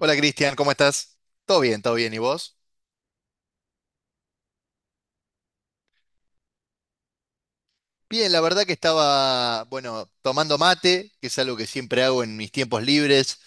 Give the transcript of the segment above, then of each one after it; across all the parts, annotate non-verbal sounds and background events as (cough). Hola Cristian, ¿cómo estás? Todo bien, todo bien. ¿Y vos? Bien, la verdad que estaba, bueno, tomando mate, que es algo que siempre hago en mis tiempos libres.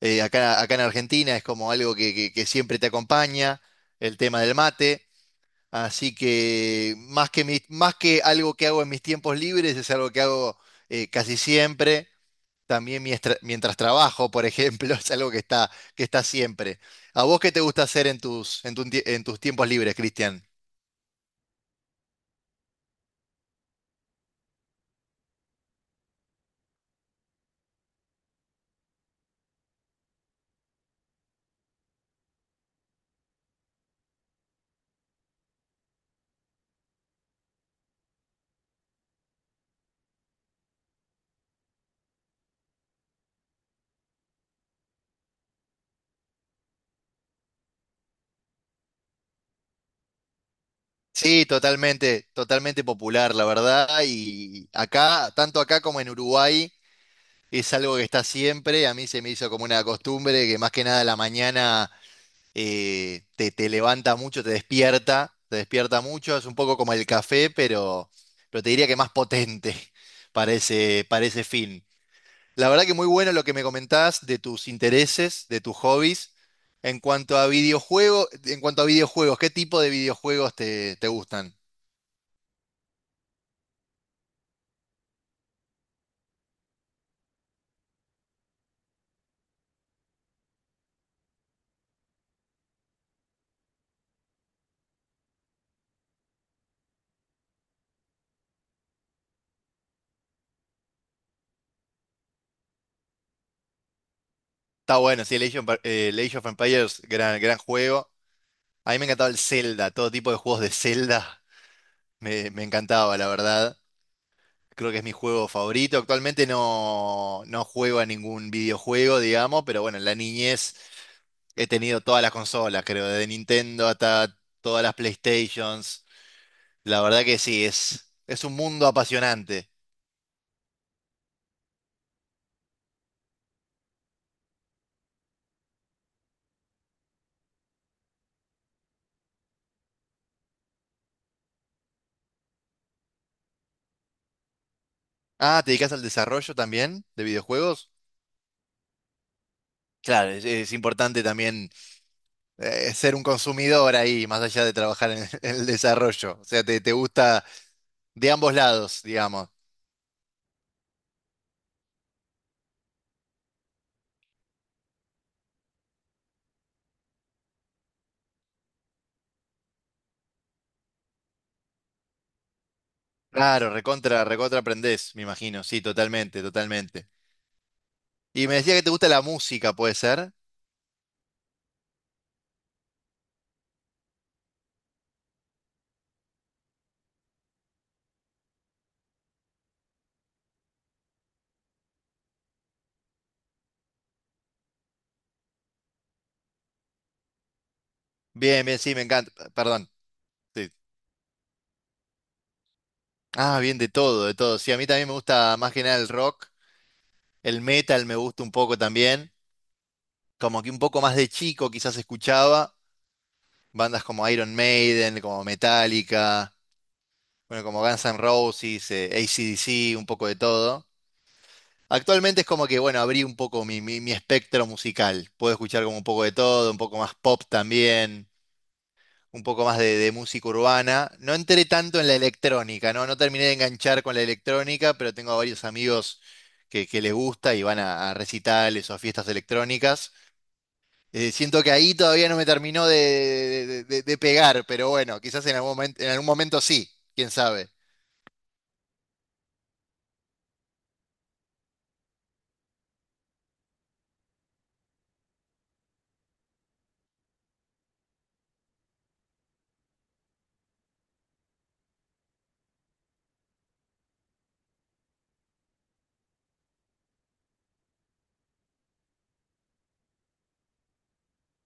Acá en Argentina es como algo que siempre te acompaña, el tema del mate. Así que más que algo que hago en mis tiempos libres, es algo que hago casi siempre. También mientras trabajo, por ejemplo, (laughs) es algo que está siempre. ¿A vos qué te gusta hacer en tus tiempos libres, Cristian? Sí, totalmente, totalmente popular, la verdad. Y acá, tanto acá como en Uruguay, es algo que está siempre. A mí se me hizo como una costumbre que más que nada a la mañana te levanta mucho, te despierta mucho. Es un poco como el café, pero te diría que más potente (laughs) para ese fin. La verdad que muy bueno lo que me comentás de tus intereses, de tus hobbies. En cuanto a videojuegos, ¿qué tipo de videojuegos te gustan? Está bueno, sí, el el Age of Empires, gran, gran juego. A mí me encantaba el Zelda, todo tipo de juegos de Zelda (laughs) me encantaba, la verdad. Creo que es mi juego favorito. Actualmente no juego a ningún videojuego, digamos, pero bueno, en la niñez he tenido todas las consolas, creo, desde Nintendo hasta todas las PlayStations. La verdad que sí, es un mundo apasionante. Ah, ¿te dedicas al desarrollo también de videojuegos? Claro, es importante también ser un consumidor ahí, más allá de trabajar en, (laughs) en el desarrollo. O sea, te gusta de ambos lados, digamos. Claro, recontra, recontra aprendés, me imagino. Sí, totalmente, totalmente. Y me decía que te gusta la música, ¿puede ser? Bien, bien, sí, me encanta. Perdón. Sí. Ah, bien, de todo, de todo. Sí, a mí también me gusta más que nada el rock. El metal me gusta un poco también. Como que un poco más de chico quizás escuchaba. Bandas como Iron Maiden, como Metallica, bueno, como Guns N' Roses, AC/DC, un poco de todo. Actualmente es como que, bueno, abrí un poco mi espectro musical. Puedo escuchar como un poco de todo, un poco más pop también, un poco más de música urbana. No entré tanto en la electrónica, ¿no? No terminé de enganchar con la electrónica, pero tengo a varios amigos que les gusta y van a recitales o a fiestas electrónicas. Siento que ahí todavía no me terminó de pegar, pero bueno, quizás en algún momento sí, quién sabe,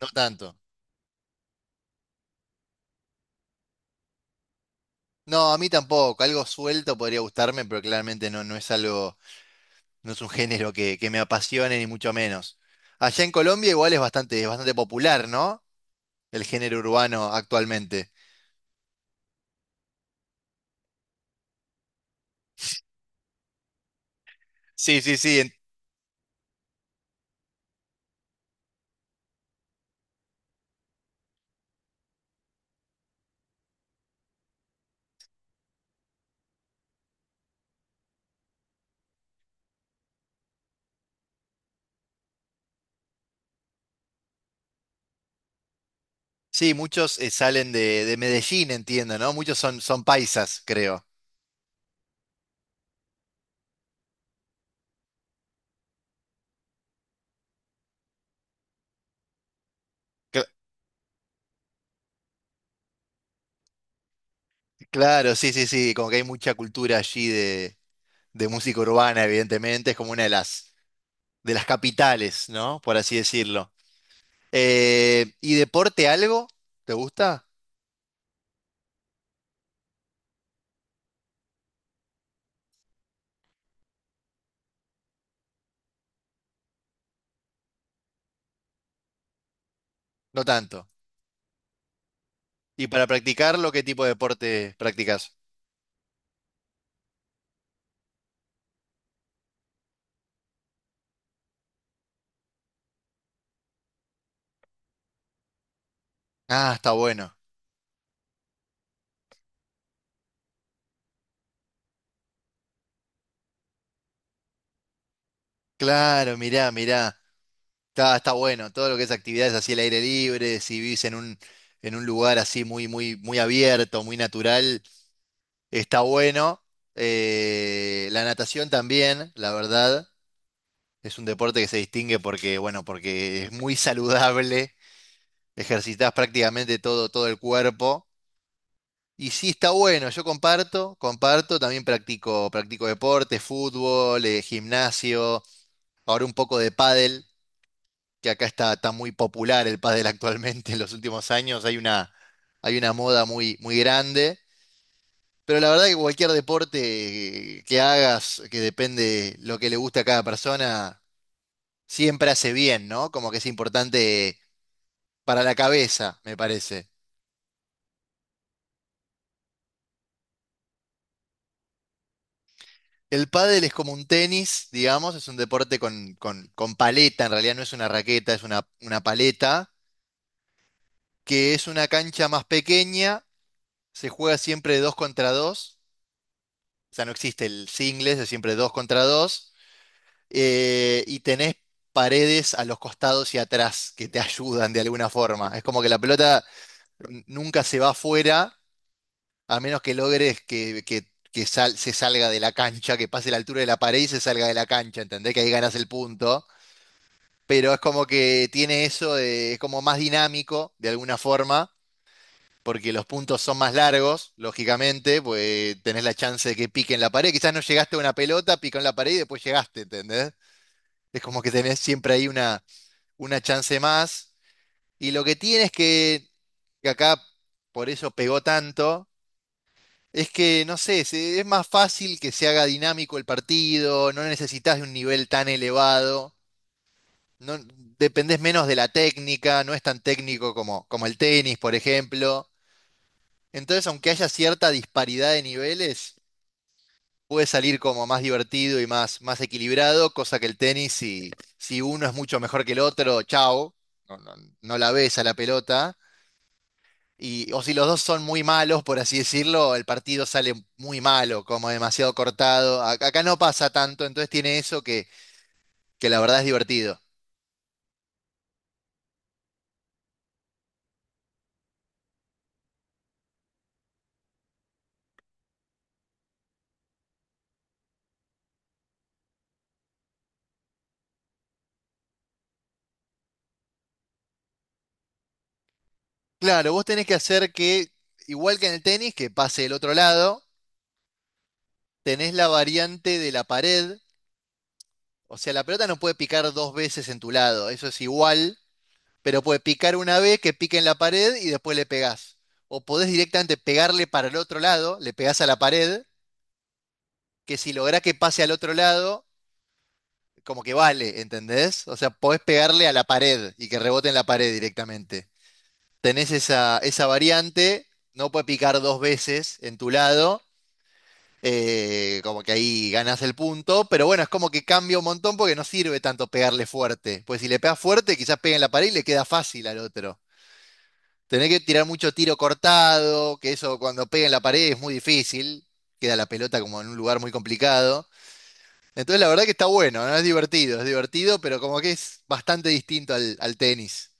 no tanto. No, a mí tampoco, algo suelto podría gustarme, pero claramente no es algo. No es un género que me apasione, ni mucho menos. Allá en Colombia igual es bastante popular, ¿no? El género urbano actualmente. Sí, sí, sí. Sí, muchos salen de Medellín, entiendo, ¿no? Muchos son paisas, creo. Cl- claro, sí, sí, sí. Como que hay mucha cultura allí de música urbana, evidentemente. Es como una de las capitales, ¿no? Por así decirlo. ¿Y deporte algo? ¿Te gusta? No tanto. ¿Y para practicarlo, qué tipo de deporte practicas? Ah, está bueno. Claro, mirá, mirá. Está bueno. Todo lo que es actividades así al aire libre, si vivís en un lugar así muy, muy, muy abierto, muy natural, está bueno. La natación también, la verdad, es un deporte que se distingue porque, bueno, porque es muy saludable. Ejercitás prácticamente todo, todo el cuerpo. Y sí, está bueno. Yo comparto, comparto. También practico deporte, fútbol, gimnasio. Ahora un poco de pádel. Que acá está muy popular el pádel actualmente en los últimos años. Hay una moda muy, muy grande. Pero la verdad que cualquier deporte que hagas, que depende lo que le guste a cada persona, siempre hace bien, ¿no? Como que es importante para la cabeza, me parece. El pádel es como un tenis, digamos, es un deporte con paleta, en realidad no es una raqueta, es una paleta, que es una cancha más pequeña, se juega siempre dos contra dos. O sea, no existe el singles, es siempre dos contra dos. Y tenés paredes a los costados y atrás que te (laughs) ayudan de alguna forma. Es como que la pelota nunca se va afuera, a menos que logres se salga de la cancha, que pase la altura de la pared y se salga de la cancha, ¿entendés? Que ahí ganas el punto. Pero es como que tiene eso, es como más dinámico de alguna forma. Porque los puntos son más largos, lógicamente, pues tenés la chance de que pique en la pared. Quizás no llegaste a una pelota, picó en la pared y después llegaste, ¿entendés? Es como que tenés siempre ahí una chance más. Y lo que tiene es que acá por eso pegó tanto, es que, no sé, es más fácil que se haga dinámico el partido, no necesitas de un nivel tan elevado, no, dependés menos de la técnica, no es tan técnico como el tenis, por ejemplo. Entonces, aunque haya cierta disparidad de niveles, puede salir como más divertido y más, más equilibrado, cosa que el tenis, si uno es mucho mejor que el otro, chao, no, no- no la ves a la pelota. Y, o si los dos son muy malos, por así decirlo, el partido sale muy malo, como demasiado cortado. Acá no pasa tanto, entonces tiene eso que la verdad es divertido. Claro, vos tenés que hacer que, igual que en el tenis, que pase el otro lado, tenés la variante de la pared. O sea, la pelota no puede picar dos veces en tu lado, eso es igual, pero puede picar una vez que pique en la pared y después le pegás. O podés directamente pegarle para el otro lado, le pegás a la pared, que si lográs que pase al otro lado, como que vale, ¿entendés? O sea, podés pegarle a la pared y que rebote en la pared directamente. Tenés esa variante, no puede picar dos veces en tu lado. Como que ahí ganas el punto, pero bueno, es como que cambia un montón porque no sirve tanto pegarle fuerte. Pues si le pegas fuerte, quizás pega en la pared y le queda fácil al otro. Tenés que tirar mucho tiro cortado, que eso cuando pega en la pared es muy difícil, queda la pelota como en un lugar muy complicado. Entonces la verdad que está bueno, ¿no? Es divertido, pero como que es bastante distinto al tenis.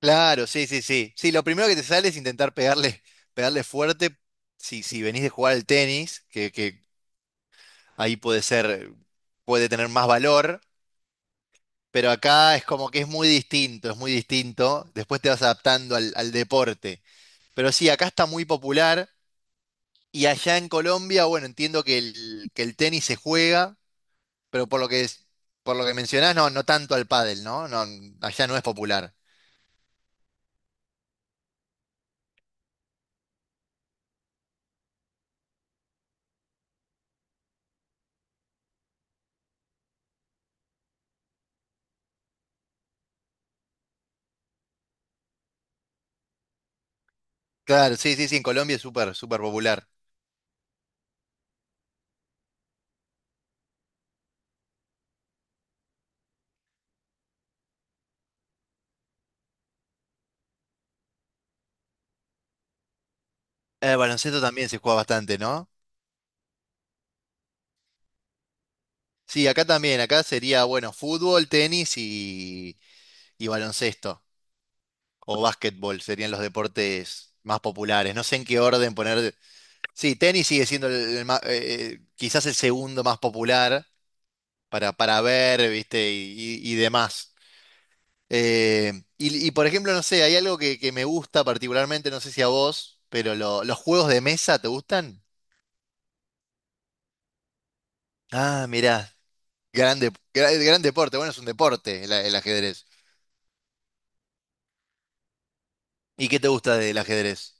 Claro, sí, sí, sí. Sí, lo primero que te sale es intentar pegarle fuerte si venís de jugar al tenis, que ahí puede ser, puede tener más valor, pero acá es como que es muy distinto, es muy distinto. Después te vas adaptando al deporte. Pero sí, acá está muy popular y allá en Colombia, bueno, entiendo que el tenis se juega, pero por lo que es, por lo que mencionás, no tanto al pádel, ¿no? No, allá no es popular. Claro, sí, sí, sí, en Colombia es súper, súper popular. El baloncesto también se juega bastante, ¿no? Sí, acá también, acá sería, bueno, fútbol, tenis y baloncesto o básquetbol serían los deportes más populares. No sé en qué orden poner. Sí, tenis sigue siendo quizás el segundo más popular para ver, ¿viste? Y demás. Eh, por ejemplo, no sé, hay algo que me gusta particularmente, no sé si a vos, pero los juegos de mesa, ¿te gustan? Ah, mirá, gran deporte. Bueno, es un deporte el ajedrez. ¿Y qué te gusta del ajedrez?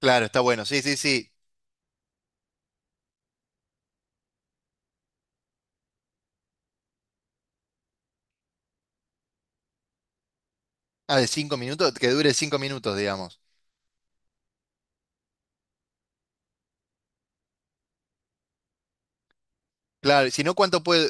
Claro, está bueno, sí, sí, sí. Ah, de 5 minutos, que dure 5 minutos, digamos. Claro, y si no, ¿cuánto puede?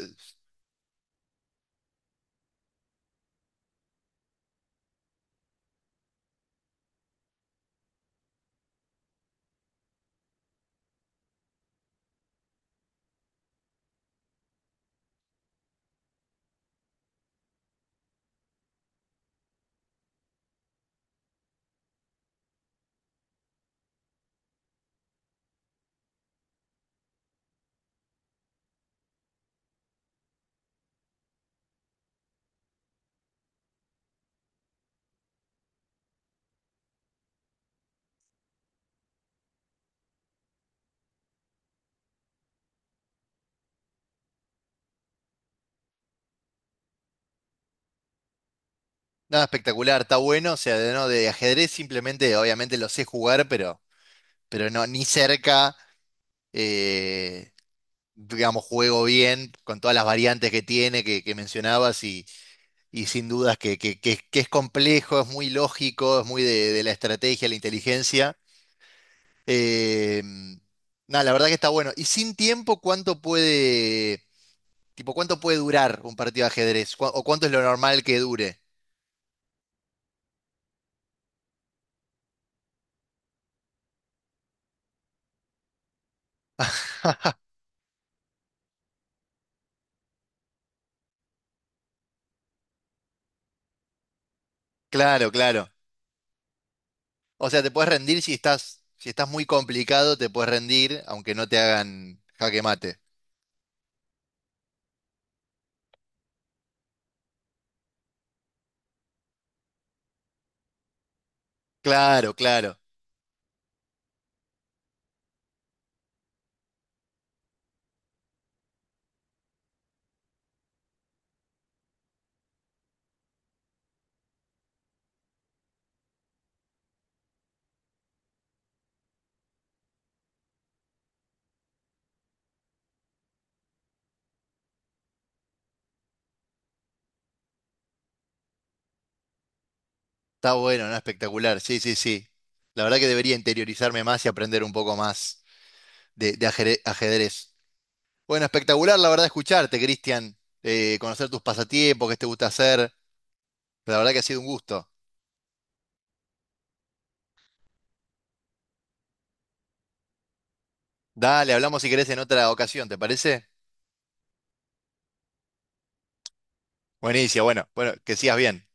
Nada espectacular, está bueno, o sea, de, no, de ajedrez simplemente, obviamente lo sé jugar, pero no, ni cerca, eh, digamos, juego bien con todas las variantes que tiene, que mencionabas, y sin dudas que es complejo, es muy lógico, es muy de la estrategia, la inteligencia. Eh, Nada, la verdad que está bueno. Y sin tiempo, ¿cuánto puede, tipo, cuánto puede durar un partido de ajedrez? ¿O cuánto es lo normal que dure? Claro, claro. O sea, te puedes rendir si estás muy complicado, te puedes rendir, aunque no te hagan jaque mate. Claro, claro. Está bueno, ¿no? Espectacular. Sí, sí, sí. La verdad que debería interiorizarme más y aprender un poco más de ajedrez. Bueno, espectacular, la verdad, escucharte, Cristian. Conocer tus pasatiempos, qué te gusta hacer. La verdad que ha sido un gusto. Dale, hablamos si querés en otra ocasión, ¿te parece? Buenísimo, bueno, bueno, que sigas bien.